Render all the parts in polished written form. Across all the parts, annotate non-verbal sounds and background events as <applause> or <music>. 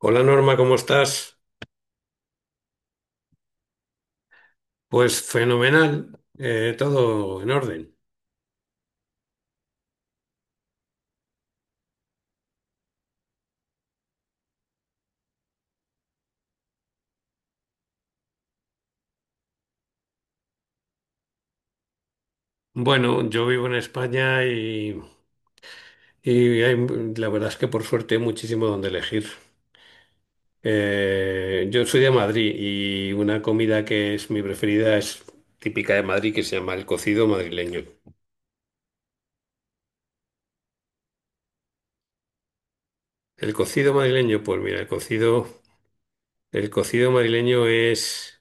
Hola Norma, ¿cómo estás? Pues fenomenal, todo en orden. Bueno, yo vivo en España y la verdad es que por suerte hay muchísimo donde elegir. Yo soy de Madrid y una comida que es mi preferida es típica de Madrid, que se llama el cocido madrileño. El cocido madrileño, pues mira, el cocido madrileño es,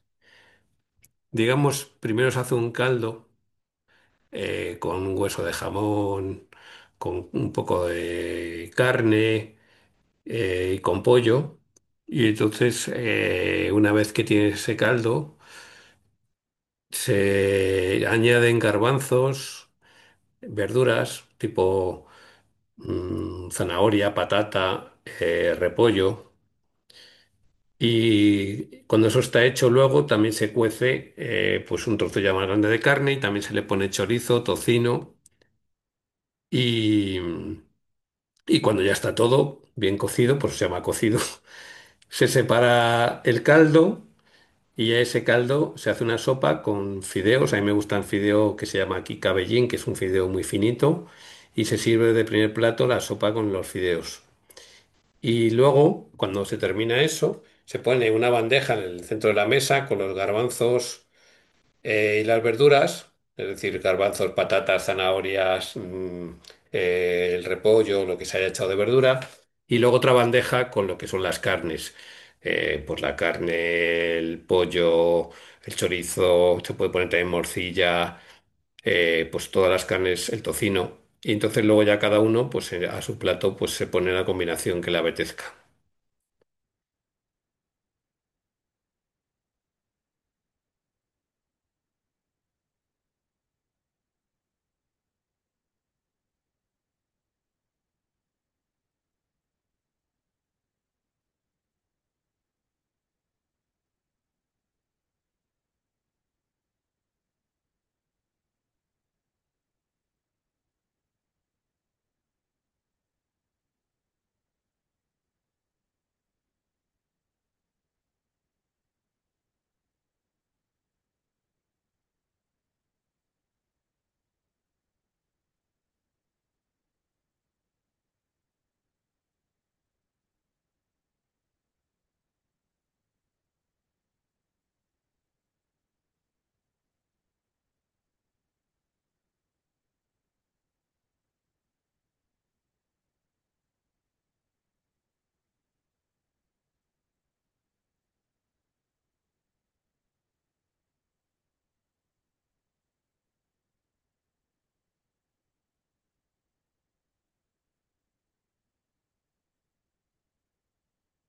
digamos, primero se hace un caldo, con un hueso de jamón, con un poco de carne y con pollo. Y entonces, una vez que tienes ese caldo, se añaden garbanzos, verduras tipo zanahoria, patata, repollo. Y cuando eso está hecho, luego también se cuece, pues un trozo ya más grande de carne, y también se le pone chorizo, tocino y... Y cuando ya está todo bien cocido, por eso se llama cocido, <laughs> se separa el caldo, y a ese caldo se hace una sopa con fideos. A mí me gusta el fideo que se llama aquí cabellín, que es un fideo muy finito, y se sirve de primer plato la sopa con los fideos. Y luego, cuando se termina eso, se pone una bandeja en el centro de la mesa con los garbanzos y las verduras, es decir, garbanzos, patatas, zanahorias, el repollo, lo que se haya echado de verdura. Y luego otra bandeja con lo que son las carnes. Pues la carne, el pollo, el chorizo; se puede poner también morcilla, pues todas las carnes, el tocino. Y entonces luego ya cada uno, pues, a su plato, pues se pone la combinación que le apetezca.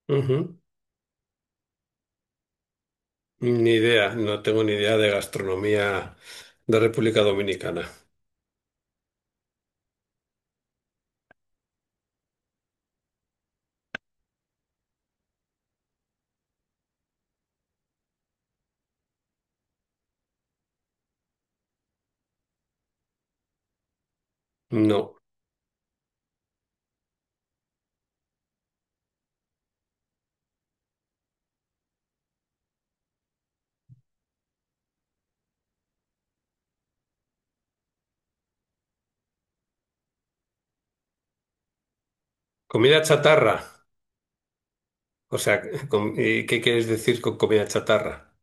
Ujú. Ni idea, no tengo ni idea de gastronomía de República Dominicana. No. Comida chatarra. O sea, <laughs> ¿qué quieres decir con comida chatarra?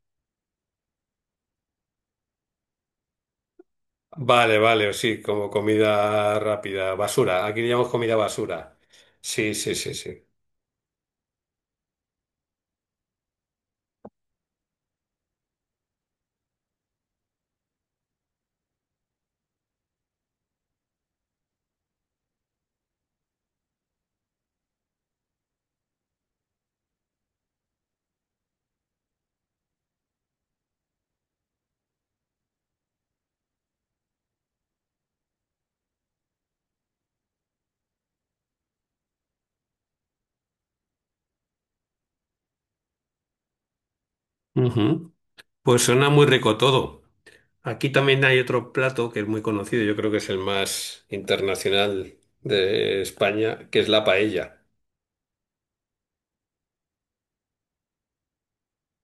Vale, vale, o sí, como comida rápida, basura. Aquí le llamamos comida basura. Sí, sí, sí, sí. Ujú. Pues suena muy rico todo. Aquí también hay otro plato que es muy conocido, yo creo que es el más internacional de España, que es la paella.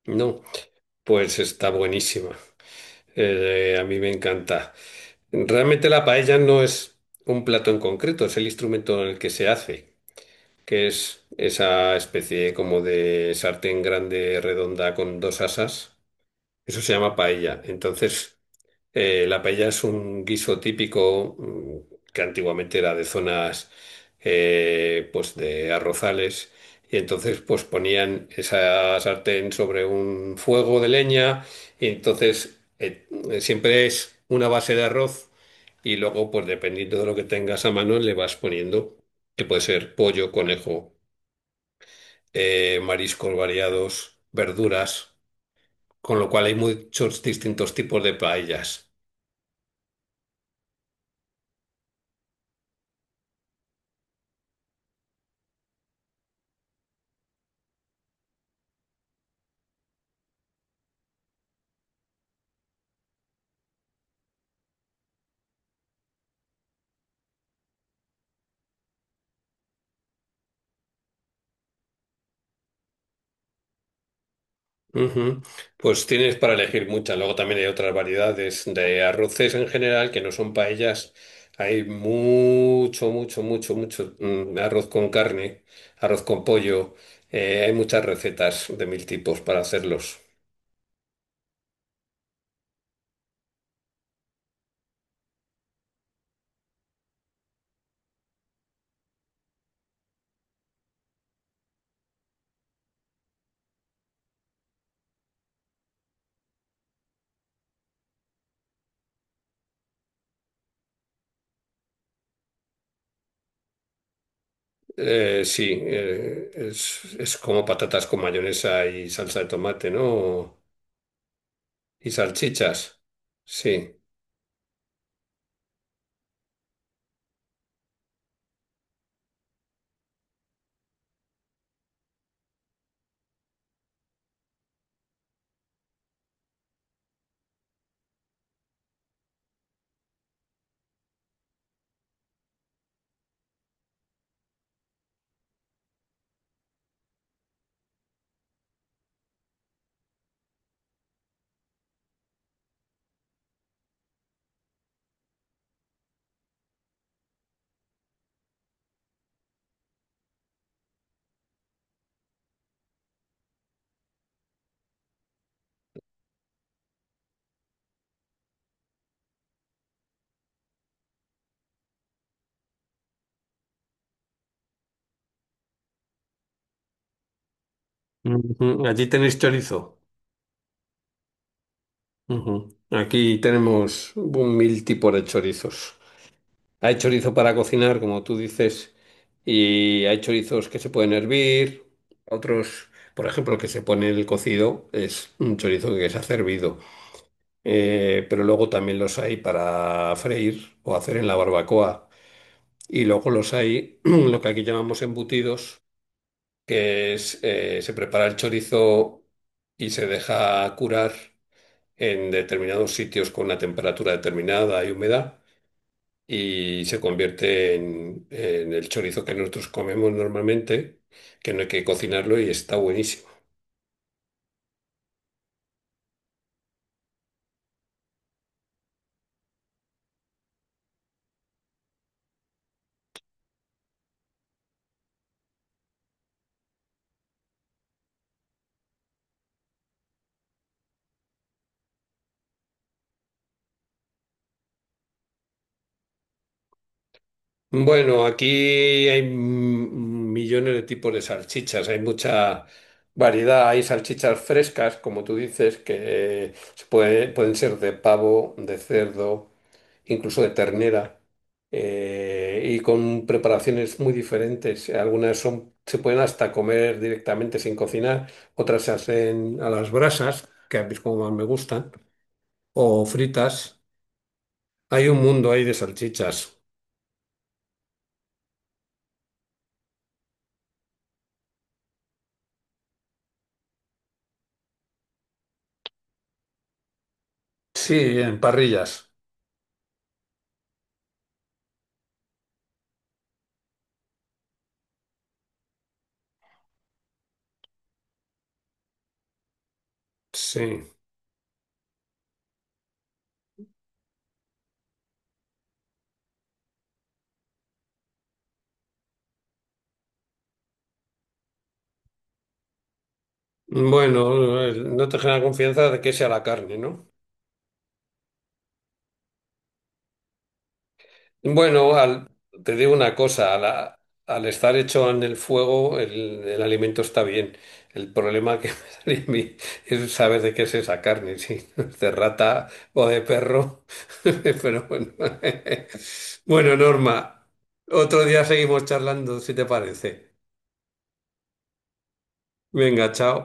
No, pues está buenísima. A mí me encanta. Realmente la paella no es un plato en concreto, es el instrumento en el que se hace, que es esa especie como de sartén grande redonda con dos asas. Eso se llama paella. Entonces, la paella es un guiso típico, que antiguamente era de zonas, pues de arrozales, y entonces pues ponían esa sartén sobre un fuego de leña, y entonces, siempre es una base de arroz, y luego pues dependiendo de lo que tengas a mano le vas poniendo, que puede ser pollo, conejo, mariscos variados, verduras, con lo cual hay muchos distintos tipos de paellas. Ujú. Pues tienes para elegir muchas. Luego también hay otras variedades de arroces en general que no son paellas. Hay mucho, mucho, mucho, mucho, arroz con carne, arroz con pollo. Hay muchas recetas de mil tipos para hacerlos. Sí, es como patatas con mayonesa y salsa de tomate, ¿no? Y salchichas. Sí. Ujú. Allí tenéis chorizo. Ujú. Aquí tenemos un mil tipos de chorizos. Hay chorizo para cocinar, como tú dices, y hay chorizos que se pueden hervir, otros, por ejemplo, el que se pone en el cocido es un chorizo que se ha hervido. Pero luego también los hay para freír o hacer en la barbacoa. Y luego los hay, <clears throat> lo que aquí llamamos embutidos, que es, se prepara el chorizo y se deja curar en determinados sitios con una temperatura determinada y humedad, y se convierte en el chorizo que nosotros comemos normalmente, que no hay que cocinarlo y está buenísimo. Bueno, aquí hay, millones de tipos de salchichas, hay mucha variedad, hay salchichas frescas, como tú dices, que pueden ser de pavo, de cerdo, incluso de ternera, y con preparaciones muy diferentes. Algunas son, se pueden hasta comer directamente sin cocinar, otras se hacen a las brasas, que a mí es como más me gustan, o fritas. Hay un mundo ahí de salchichas. Sí, en parrillas. Sí. Bueno, no te genera confianza de que sea la carne, ¿no? Bueno, al- te digo una cosa, al estar hecho en el fuego, el alimento está bien. El problema que <laughs> me sale a mí es saber de qué es esa carne, si no es de rata o de perro. <laughs> Pero bueno. <laughs> Bueno, Norma, otro día seguimos charlando, si te parece. Venga, chao.